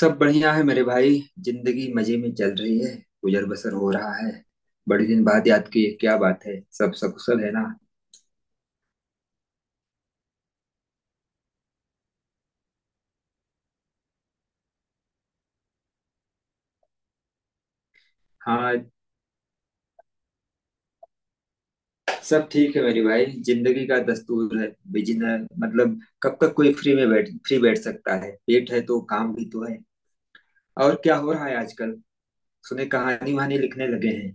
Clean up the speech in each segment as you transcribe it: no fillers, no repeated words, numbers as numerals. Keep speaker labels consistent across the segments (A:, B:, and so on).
A: सब बढ़िया है मेरे भाई। जिंदगी मजे में चल रही है। गुजर बसर हो रहा है। बड़े दिन बाद याद की, ये क्या बात है? सब सकुशल है ना? हाँ, सब ठीक है मेरे भाई, जिंदगी का दस्तूर है। बिजनेस, मतलब कब तक कोई फ्री में बैठ सकता है? पेट है तो काम भी तो है। और क्या हो रहा है आजकल? सुने कहानी वहानी लिखने लगे हैं।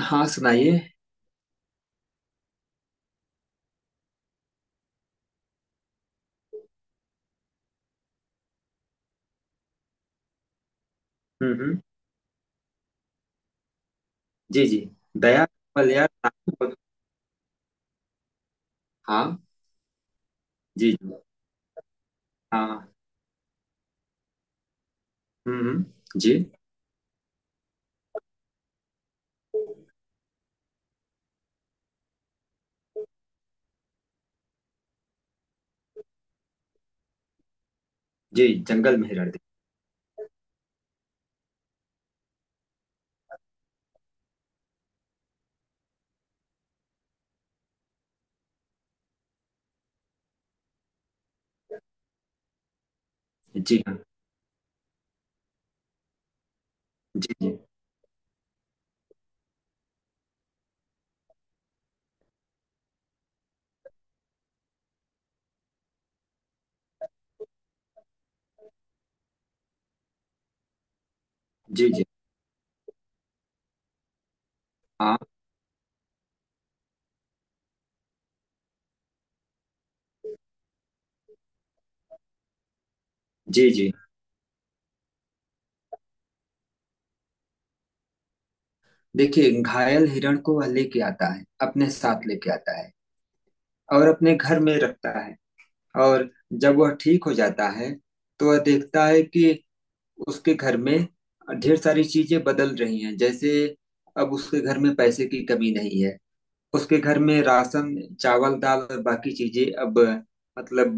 A: हाँ, सुनाइए। हम्म। जी जी। दया। मलयार नाम बहुत-। हाँ। जी जी। हाँ। हम्म। जी जी। जंगल में हिरण? जी हाँ। जी जी। जी जी। हाँ। जी जी। देखिए, घायल हिरण को वह लेके आता है, अपने साथ लेके आता है। और अपने घर में रखता है। और जब वह ठीक हो जाता है, तो वह देखता है कि उसके घर में ढेर सारी चीजें बदल रही हैं। जैसे अब उसके घर में पैसे की कमी नहीं है। उसके घर में राशन, चावल, दाल और बाकी चीजें अब, मतलब,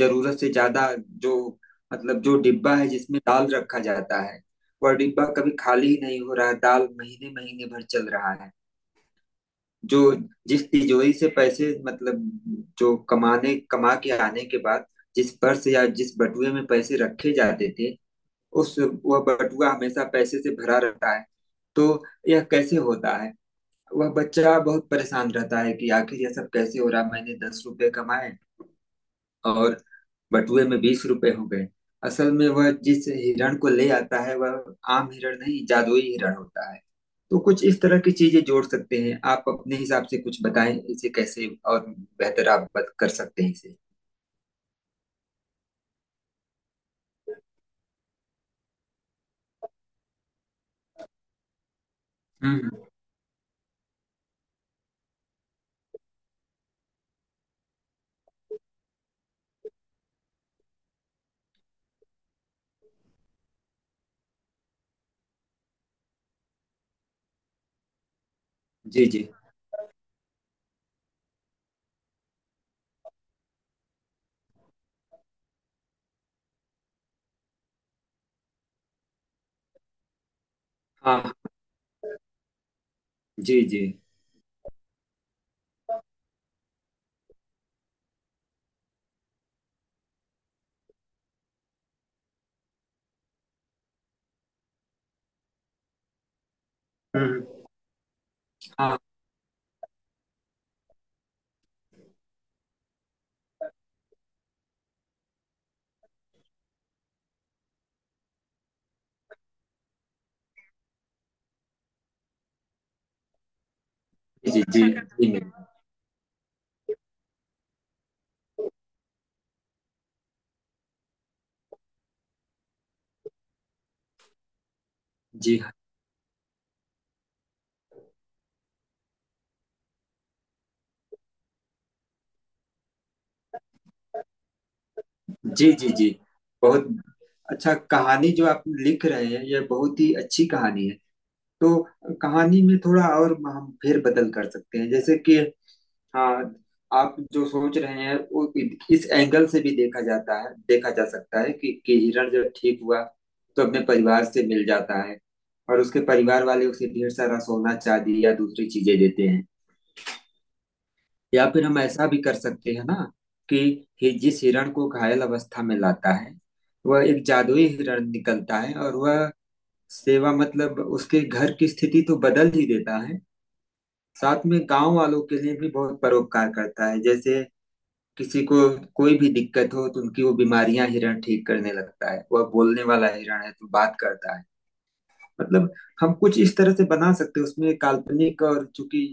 A: जरूरत से ज्यादा। जो, मतलब, जो डिब्बा है जिसमें दाल रखा जाता है, वह डिब्बा कभी खाली ही नहीं हो रहा है। दाल महीने महीने भर चल रहा है। जो, जिस तिजोरी से पैसे, मतलब, जो कमा के आने के बाद जिस पर्स या जिस बटुए में पैसे रखे जाते थे, उस वह बटुआ हमेशा पैसे से भरा रहता है। तो यह कैसे होता है? वह बच्चा बहुत परेशान रहता है कि आखिर यह सब कैसे हो रहा। मैंने 10 रुपए कमाए और बटुए में 20 रुपए हो गए। असल में वह जिस हिरण को ले आता है वह आम हिरण नहीं, जादुई हिरण होता है। तो कुछ इस तरह की चीजें जोड़ सकते हैं आप अपने हिसाब से। कुछ बताएं, इसे कैसे और बेहतर आप कर सकते हैं इसे। हम्म। जी जी। हाँ। जी जी। हम्म। हाँ। जी जी। जी जी मैम। जी हाँ। जी जी जी। बहुत अच्छा कहानी जो आप लिख रहे हैं, यह बहुत ही अच्छी कहानी है। तो कहानी में थोड़ा और हम फेर बदल कर सकते हैं जैसे कि। हाँ, आप जो सोच रहे हैं वो इस एंगल से भी देखा जाता है, देखा जा सकता है कि हिरण जब ठीक हुआ तो अपने परिवार से मिल जाता है। और उसके परिवार वाले उसे ढेर सारा सोना चांदी या दूसरी चीजें देते हैं। या फिर हम ऐसा भी कर सकते हैं ना, कि जिस हिरण को घायल अवस्था में लाता है, वह एक जादुई हिरण निकलता है। और वह सेवा, मतलब उसके घर की स्थिति तो बदल ही देता है, साथ में गांव वालों के लिए भी बहुत परोपकार करता है। जैसे किसी को कोई भी दिक्कत हो तो उनकी वो बीमारियां हिरण ठीक करने लगता है। वह बोलने वाला हिरण है तो बात करता है, मतलब। हम कुछ इस तरह से बना सकते हैं उसमें काल्पनिक। और चूंकि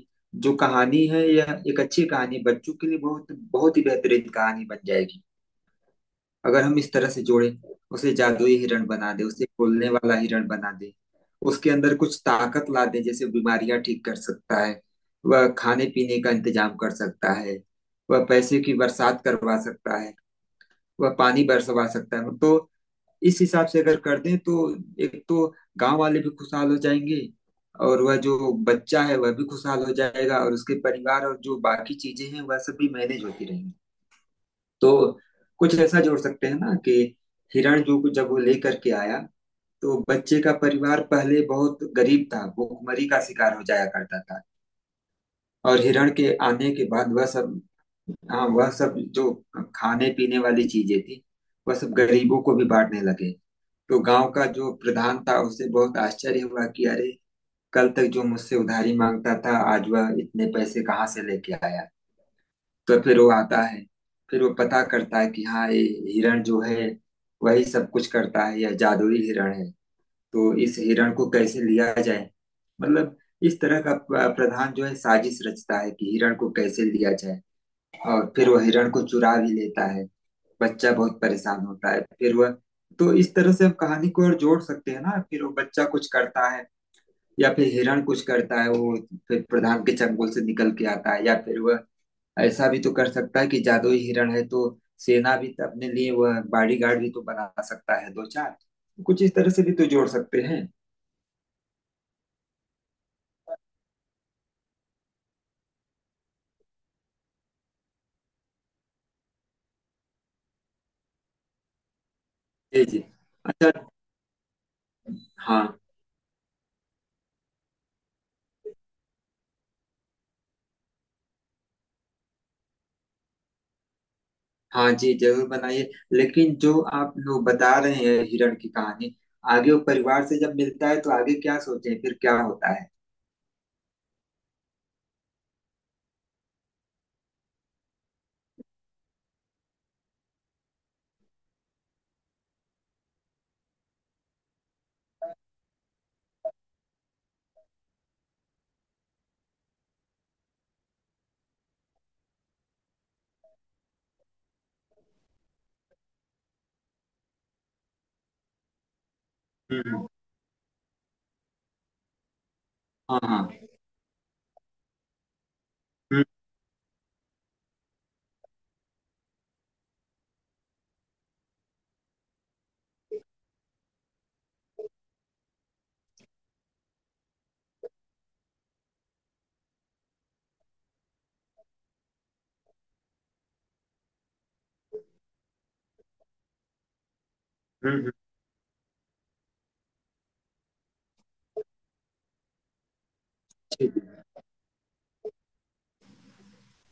A: जो कहानी है, यह एक अच्छी कहानी बच्चों के लिए बहुत बहुत ही बेहतरीन कहानी बन जाएगी, अगर हम इस तरह से जोड़े। उसे जादुई हिरण बना दे, उसे बोलने वाला हिरण बना दे, उसके अंदर कुछ ताकत ला दे। जैसे बीमारियां ठीक कर सकता है, वह खाने पीने का इंतजाम कर सकता है, वह पैसे की बरसात करवा सकता है, वह पानी बरसवा सकता है। तो इस हिसाब से अगर कर दें तो एक तो गांव वाले भी खुशहाल हो जाएंगे, और वह जो बच्चा है वह भी खुशहाल हो जाएगा, और उसके परिवार और जो बाकी चीजें हैं वह सब भी मैनेज होती रहेंगी। तो कुछ ऐसा जोड़ सकते हैं ना कि हिरण जब वो लेकर के आया तो बच्चे का परिवार पहले बहुत गरीब था, भूखमरी का शिकार हो जाया करता था। और हिरण के आने के बाद वह सब, हाँ, वह सब जो खाने पीने वाली चीजें थी, वह सब गरीबों को भी बांटने लगे। तो गांव का जो प्रधान था उसे बहुत आश्चर्य हुआ कि अरे, कल तक जो मुझसे उधारी मांगता था आज वह इतने पैसे कहाँ से लेके आया? तो फिर वो आता है, फिर वो पता करता है कि हाँ, ये हिरण जो है वही सब कुछ करता है, यह जादुई हिरण है। तो इस हिरण को कैसे लिया जाए, मतलब। इस तरह का प्रधान जो है साजिश रचता है कि हिरण को कैसे लिया जाए। और फिर वो हिरण को चुरा भी लेता है। बच्चा बहुत परेशान होता है। फिर वह, तो इस तरह से हम कहानी को और जोड़ सकते हैं ना। फिर वो बच्चा कुछ करता है, या फिर हिरण कुछ करता है, वो फिर प्रधान के चंगुल से निकल के आता है। या फिर वह ऐसा भी तो कर सकता है कि जादुई हिरण है तो सेना भी तो अपने लिए, वह बॉडीगार्ड भी तो बना सकता है दो चार। कुछ इस तरह से भी तो जोड़ सकते हैं। जी जी। अच्छा। हाँ। हाँ जी, जरूर बनाइए। लेकिन जो आप लोग बता रहे हैं हिरण की कहानी, आगे वो परिवार से जब मिलता है तो आगे क्या सोचें, फिर क्या होता है? हम्म। हाँ हाँ। हम्म हम्म। ठीक है।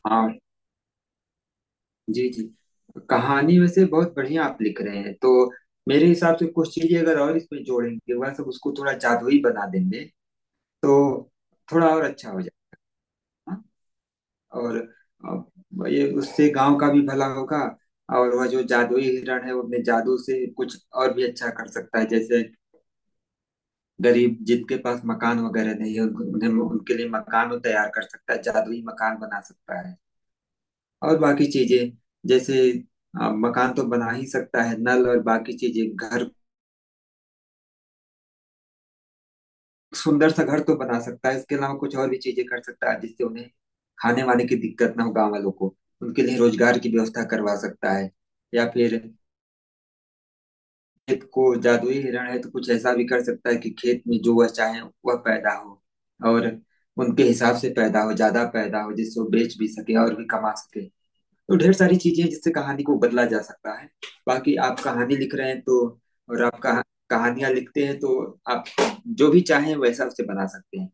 A: हाँ। जी जी। कहानी वैसे बहुत बढ़िया आप लिख रहे हैं तो मेरे हिसाब से कुछ चीजें अगर और इसमें जोड़ेंगे, वह सब उसको थोड़ा जादुई बना देंगे। तो थोड़ा और अच्छा हो जाएगा। और ये, उससे गांव का भी भला होगा। और वह जो जादुई हिरण है वो अपने जादू से कुछ और भी अच्छा कर सकता है। जैसे गरीब जिनके पास मकान वगैरह नहीं है उन्हें, उनके लिए मकान वो तैयार कर सकता है, जादुई मकान बना सकता है। और बाकी चीजें जैसे, मकान तो बना ही सकता है, नल और बाकी चीजें, घर, सुंदर सा घर तो बना सकता है। इसके अलावा कुछ और भी चीजें कर सकता है जिससे उन्हें खाने वाने की दिक्कत ना हो गाँव वालों को। उनके लिए रोजगार की व्यवस्था करवा सकता है। या फिर खेत को, जादुई हिरण है तो कुछ ऐसा भी कर सकता है कि खेत में जो वह चाहे वह पैदा हो, और उनके हिसाब से पैदा हो, ज्यादा पैदा हो, जिससे वो बेच भी सके और भी कमा सके। तो ढेर सारी चीजें हैं जिससे कहानी को बदला जा सकता है। बाकी आप कहानी लिख रहे हैं तो। और आप कहानियां लिखते हैं तो आप जो भी चाहें वैसा उसे बना सकते हैं।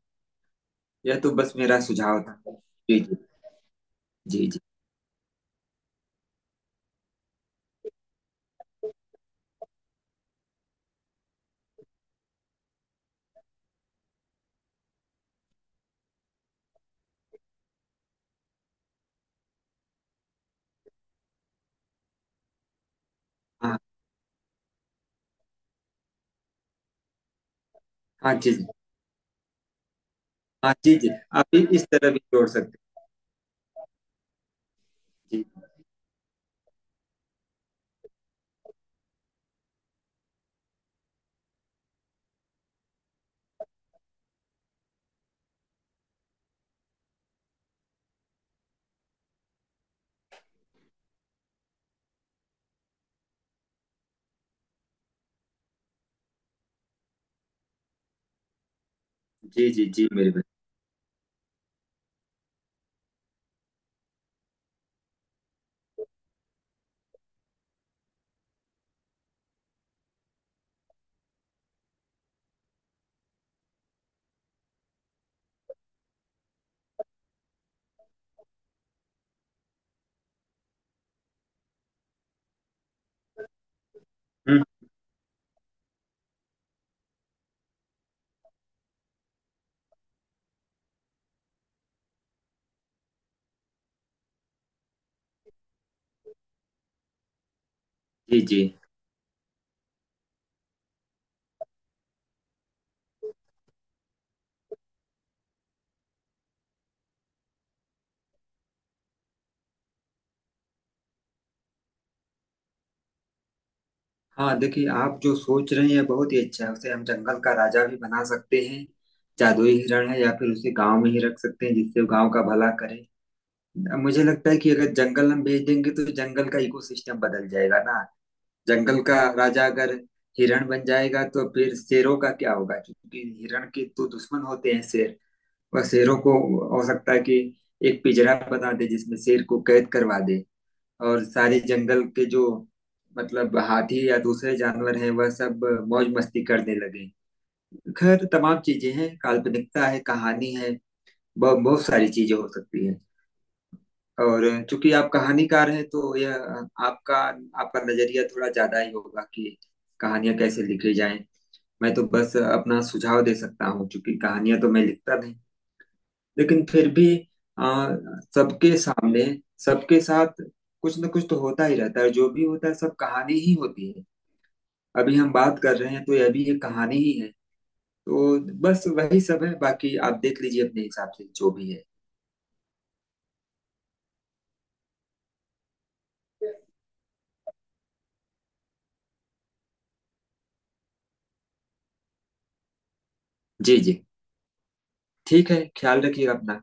A: यह तो बस मेरा सुझाव था। जी जी। जी जी। हाँ। हाँ। जी जी। हाँ। जी जी। आप इस तरह भी जोड़ सकते हैं जी। जी जी जी मेरे भाई। हम्म। जी जी। हाँ, देखिए, आप जो सोच रहे हैं बहुत ही अच्छा है। उसे हम जंगल का राजा भी बना सकते हैं, जादुई हिरण है, या फिर उसे गांव में ही रख सकते हैं जिससे वो गांव का भला करे। मुझे लगता है कि अगर जंगल हम भेज देंगे तो जंगल का इकोसिस्टम बदल जाएगा ना। जंगल का राजा अगर हिरण बन जाएगा तो फिर शेरों का क्या होगा, क्योंकि हिरण के तो दुश्मन होते हैं शेर। वह शेरों को, हो सकता है कि एक पिंजरा बना दे जिसमें शेर को कैद करवा दे। और सारे जंगल के जो, मतलब हाथी या दूसरे जानवर हैं वह सब मौज मस्ती करने लगे। खैर, तमाम चीजें हैं, काल्पनिकता है, कहानी है, बहुत बहुत सारी चीजें हो सकती है। और चूंकि आप कहानीकार हैं तो यह, आपका, आपका नजरिया थोड़ा ज्यादा ही होगा कि कहानियां कैसे लिखी जाएं। मैं तो बस अपना सुझाव दे सकता हूँ क्योंकि कहानियां तो मैं लिखता नहीं। लेकिन फिर भी आ, सबके सामने, सबके साथ कुछ ना कुछ तो होता ही रहता है। जो भी होता है सब कहानी ही होती है। अभी हम बात कर रहे हैं तो यह भी एक कहानी ही है। तो बस वही सब है। बाकी आप देख लीजिए अपने हिसाब से जो भी है। जी जी। ठीक है, ख्याल रखिए अपना।